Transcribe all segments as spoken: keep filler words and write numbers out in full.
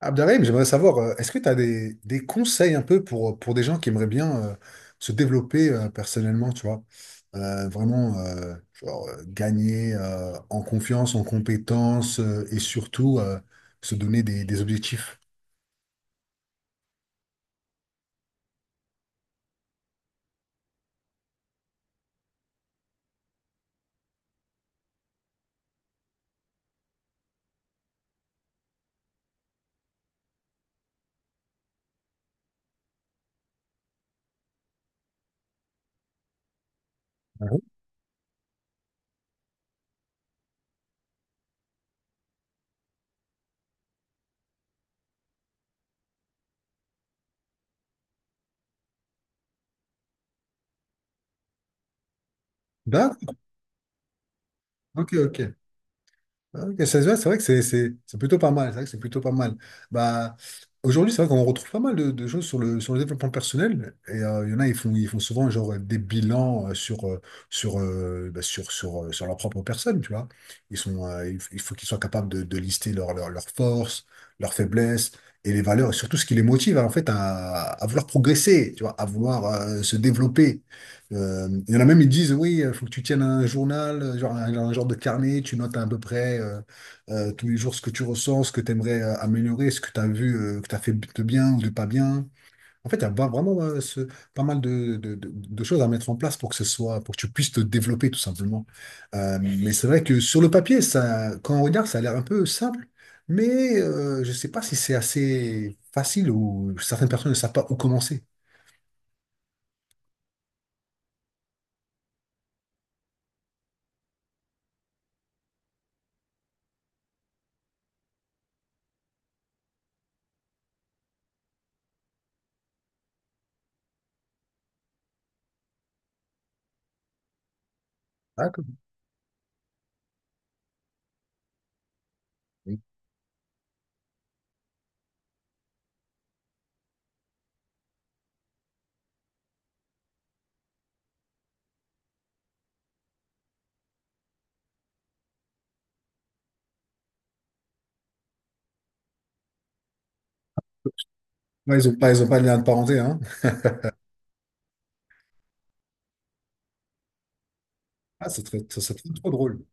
Abderrahim, j'aimerais savoir, euh, est-ce que tu as des, des conseils un peu pour, pour des gens qui aimeraient bien euh, se développer euh, personnellement, tu vois? Euh, vraiment, euh, genre, euh, gagner euh, en confiance, en compétence euh, et surtout euh, se donner des, des objectifs. Ah bon. D'accord, ok, ok. Ah, ok, ça se voit, c'est vrai que c'est c'est- c'est plutôt pas mal. C'est vrai que c'est plutôt pas mal. Bah, aujourd'hui, c'est vrai qu'on retrouve pas mal de, de choses sur le, sur le développement personnel. Et euh, il y en a, ils font, ils font souvent genre, des bilans euh, sur, euh, sur, euh, bah, sur, sur, euh, sur leur propre personne, tu vois. Ils sont, euh, il f- il faut qu'ils soient capables de, de lister leurs leur, forces, leurs faiblesses et les valeurs, et surtout ce qui les motive en fait, à, à vouloir progresser, tu vois, à vouloir euh, se développer. Euh, il y en a même, ils disent, oui, il faut que tu tiennes un journal, euh, genre un, un genre de carnet, tu notes à peu près euh, euh, tous les jours ce que tu ressens, ce que tu aimerais améliorer, ce que tu as vu, euh, que tu as fait de bien ou de pas bien. En fait, il y a va- vraiment euh, ce- pas mal de, de- de- de choses à mettre en place pour que ce soit, pour que tu puisses te développer tout simplement. Euh, mais c'est vrai que sur le papier, ça, quand on regarde, ça a l'air un peu simple, mais euh, je ne sais pas si c'est assez facile ou certaines personnes ne savent pas où commencer. D'accord. Ouais, ils ont pas, ils ont pas de lien de parenté, hein. Ah, c'est très, ça- c'est trop trop drôle.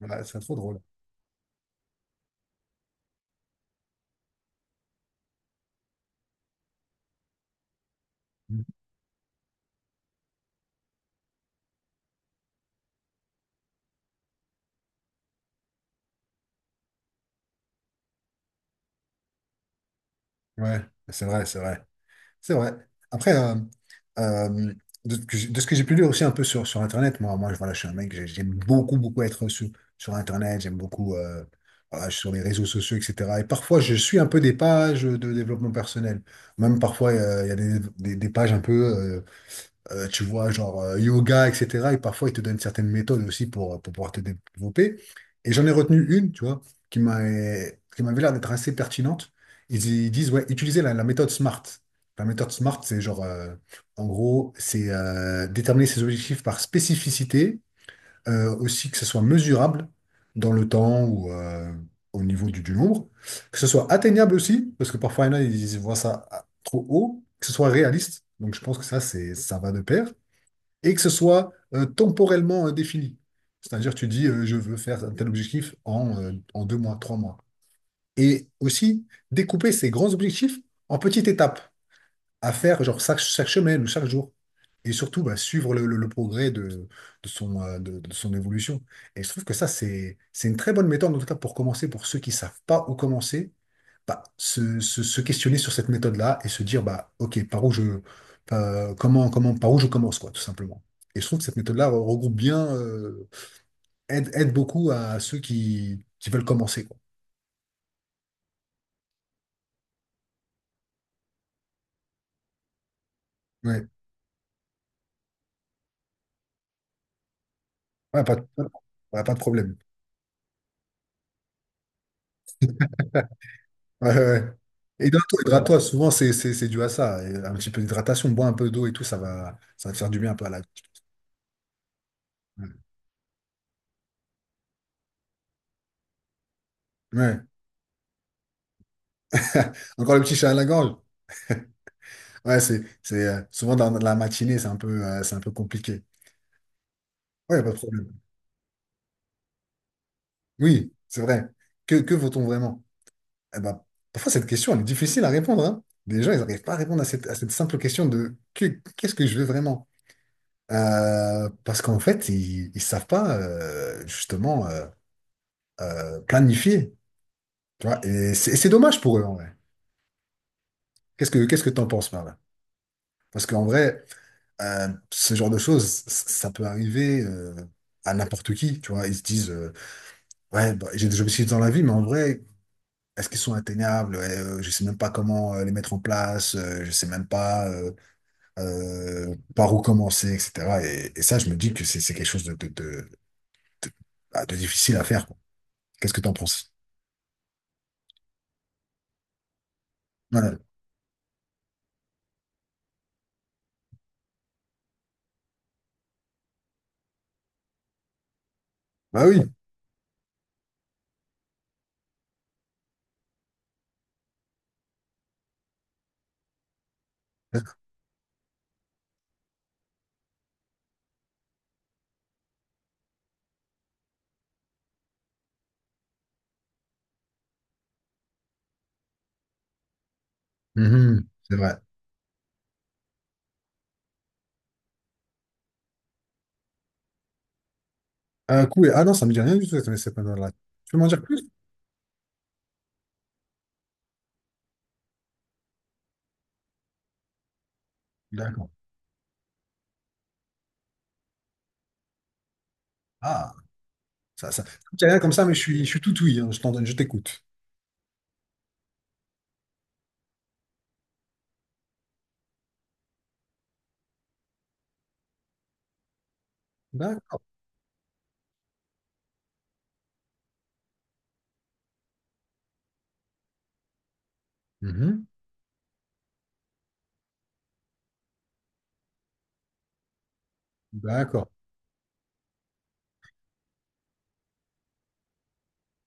Ouais, c'est trop drôle. Mhm. Ouais, c'est vrai, c'est vrai. C'est vrai. Après, euh, euh, de, ce que j'ai de ce que j'ai pu lire aussi un peu sur, sur Internet, moi, moi, je- voilà, je suis un mec, j'ai- j'aime beaucoup, beaucoup être sur, sur Internet, j'aime beaucoup euh, voilà, sur les réseaux sociaux, et cetera. Et parfois, je suis un peu des pages de développement personnel. Même parfois, euh, il y a des, des, des pages un peu euh, Euh, tu vois, genre euh, yoga, et cetera. Et parfois, ils te donnent certaines méthodes aussi pour, euh, pour pouvoir te développer. Et j'en ai retenu une, tu vois, qui m'a, qui m'avait l'air d'être assez pertinente. Ils, ils disent, ouais, utilisez la, la méthode SMART. La méthode SMART, c'est genre, euh, en gros, c'est euh, déterminer ses objectifs par spécificité, euh, aussi que ce soit mesurable dans le temps ou euh, au niveau du, du nombre, que ce soit atteignable aussi, parce que parfois, il y en a, ils voient ça ah, trop haut, que ce soit réaliste. Donc, je pense que ça, c'est, ça va de pair et que ce soit euh, temporellement euh, défini. C'est-à-dire, tu dis, euh, je veux faire un tel objectif en, euh, en deux mois, trois mois. Et aussi, découper ces grands objectifs en petites étapes à faire, genre chaque, chaque semaine ou chaque jour. Et surtout, bah, suivre le, le- le progrès de, de son, euh, de, de son évolution. Et je trouve que ça, c'est, c'est une très bonne méthode, en tout cas, pour commencer, pour ceux qui savent pas où commencer, bah, se, se- se questionner sur cette méthode-là et se dire, bah, OK, par où je, euh, comment, comment, par où je commence, quoi, tout simplement. Et je trouve que cette méthode-là re- regroupe bien, euh, aide, aide beaucoup à ceux qui, qui veulent commencer, quoi. Ouais. Ouais, pas, de- ouais, pas de problème. Ouais, ouais, ouais. Hydrate-toi, hydrate-toi. Souvent, c'est c'est- c'est dû à ça. Et un petit peu d'hydratation, bois un peu d'eau et tout, ça va, ça va te faire du bien un peu à la... Ouais. Ouais. Encore le petit chat à la gorge. Ouais, c'est c'est, euh, souvent dans la matinée, c'est un peu, euh, c'est un peu compliqué. Ouais, pas de problème. Oui, c'est vrai. Que, que vaut-on vraiment? Eh ben, parfois, cette question, elle est difficile à répondre, hein. Les gens, ils n'arrivent pas à répondre à cette, à cette simple question de que- qu'est-ce que je veux vraiment? Euh, parce qu'en fait, ils ne savent pas euh, justement euh, euh, planifier. Tu vois? Et c'est et c'est dommage pour eux, en vrai. Qu'est-ce que qu'est-ce que t'en penses par là? Parce qu'en vrai, euh, ce genre de choses, c- ça peut arriver euh, à n'importe qui. Tu vois? Ils se disent euh, ouais, bah, j'ai des objectifs dans la vie, mais en vrai. Est-ce qu'ils sont atteignables? Ouais, euh, je sais même pas comment euh, les mettre en place. euh, je sais même pas euh, euh, par où commencer, et cetera. Et, et ça, je me dis que c'est c'est quelque chose de, de, de, de- bah, de difficile à faire, quoi. Qu'est-ce que tu en penses? Ouais. Bah oui. Mhm, c'est vrai. Euh, cool. Ah non, ça me dit rien du tout, cette- cette panade-là. Tu peux m'en dire plus? D'accord. Ah, ça, ça. Je dis rien comme ça, mais je suis, je suis tout ouïe, hein. Je t'en donne, je t'écoute. D'accord. Mhm. D'accord.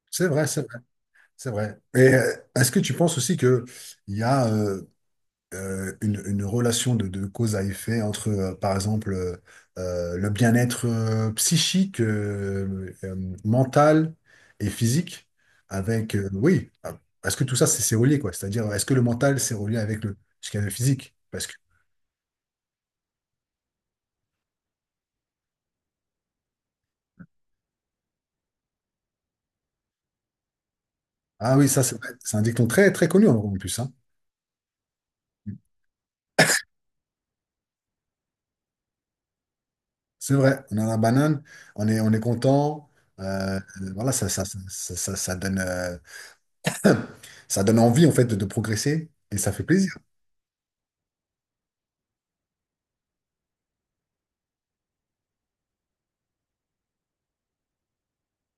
C'est vrai, c'est vrai, c'est vrai. Et euh, est-ce que tu penses aussi que il y a, euh, euh, une, une relation de, de cause à effet entre, euh, par exemple, euh, euh, le bien-être euh, psychique, euh, euh, mental et physique, avec, euh, oui, ah, parce que tout ça, c'est c'est relié, quoi. C'est-à-dire, est-ce que le mental, c'est relié avec le, ce qu'il y a de physique? Parce que, ah oui, ça, c'est vrai. C'est un dicton très, très connu, en en plus, hein. C'est vrai, on a la banane, on est, on est content. euh, euh, voilà, ça, ça, ça, ça, ça- ça donne, euh, ça donne envie en fait de, de progresser et ça fait plaisir,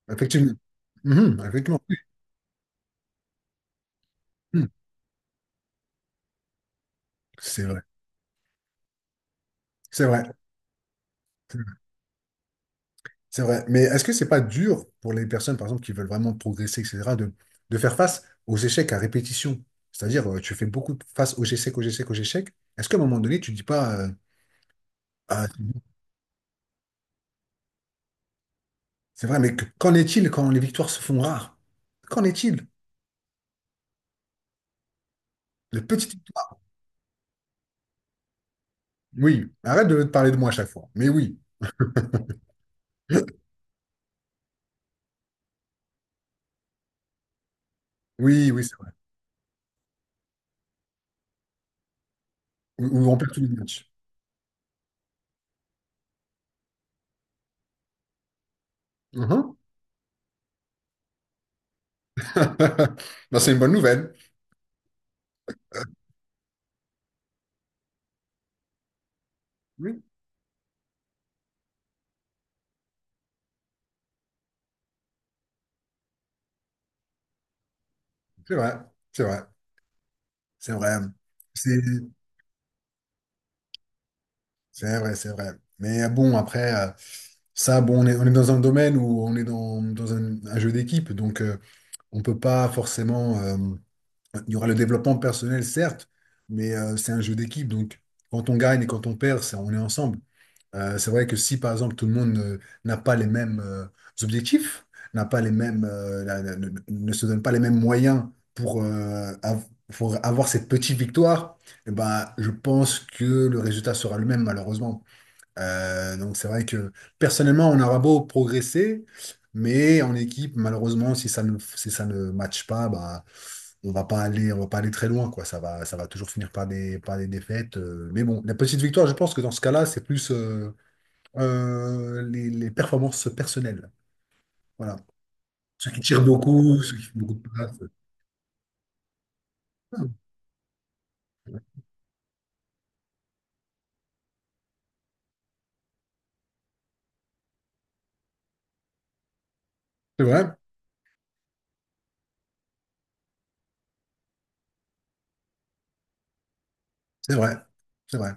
effectivement. Mhm, effectivement. Hmm. C'est vrai, c'est vrai, c'est vrai. Mais est-ce que c'est pas dur pour les personnes, par exemple, qui veulent vraiment progresser, et cetera, de, de faire face aux échecs à répétition? C'est-à-dire, euh, tu fais beaucoup de- face aux échecs, aux échecs, aux échecs. Est-ce qu'à un moment donné, tu dis pas, euh, ah, c'est bon, c'est vrai, mais que- qu'en est-il quand les victoires se font rares? Qu'en est-il? Les petites victoires. Oui, arrête de te parler de moi à chaque fois. Mais oui. Oui, oui, c'est vrai. Ou, ou on perd tous les matchs. Mhm. Ben, c'est une bonne nouvelle. Oui, c'est vrai, c'est vrai, c'est vrai. C'est C'est vrai, c'est vrai. Mais euh, bon, après, euh, ça, bon, on est, on est dans un domaine où on est dans, dans un, un jeu d'équipe, donc euh, on peut pas forcément. euh, il y aura le développement personnel, certes, mais euh, c'est un jeu d'équipe, donc quand on gagne et quand on perd, c'est- on est ensemble. Euh, c'est vrai que si, par exemple, tout le monde ne- n'a pas les mêmes euh, objectifs, n'a pas les mêmes, euh, la- la- ne, ne se donne pas les mêmes moyens pour, euh, av- pour avoir cette petite victoire, eh ben, je pense que le résultat sera le même, malheureusement. Euh, donc c'est vrai que personnellement, on aura beau progresser, mais en équipe, malheureusement, si ça ne, si ça ne matche pas, bah, on va pas aller, on va pas aller très loin, quoi. Ça va, ça va toujours finir par des, par des défaites. euh, mais bon, la petite victoire, je pense que dans ce cas-là, c'est plus euh, euh, les, les performances personnelles. Voilà. Ceux qui tirent beaucoup, ceux qui font beaucoup de passes. C'est vrai, c'est vrai, c'est vrai,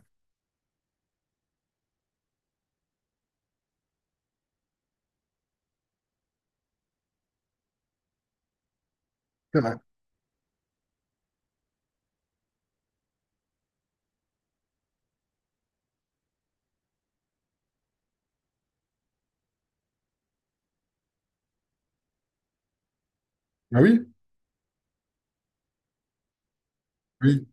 c'est vrai. Ah oui, oui.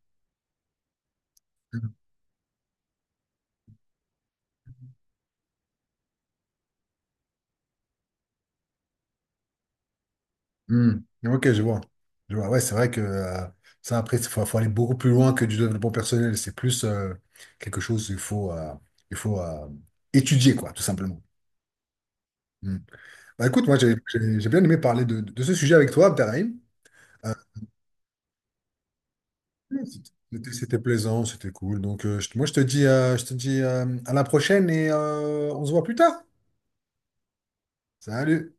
Hmm. Ok, je vois. Je vois. Ouais, c'est vrai que euh, ça, après, il faut, faut aller beaucoup plus loin que du développement personnel. C'est plus euh, quelque chose qu'il faut, euh, il faut euh, étudier, quoi, tout simplement. Hmm. Bah, écoute, moi, j'ai j'ai- j'ai bien aimé parler de, de ce sujet avec toi, Abderrahim. Euh, c'était c'était plaisant, c'était cool. Donc, euh, je- moi, je te dis, euh, je te dis euh, à la prochaine et euh, on se voit plus tard. Salut!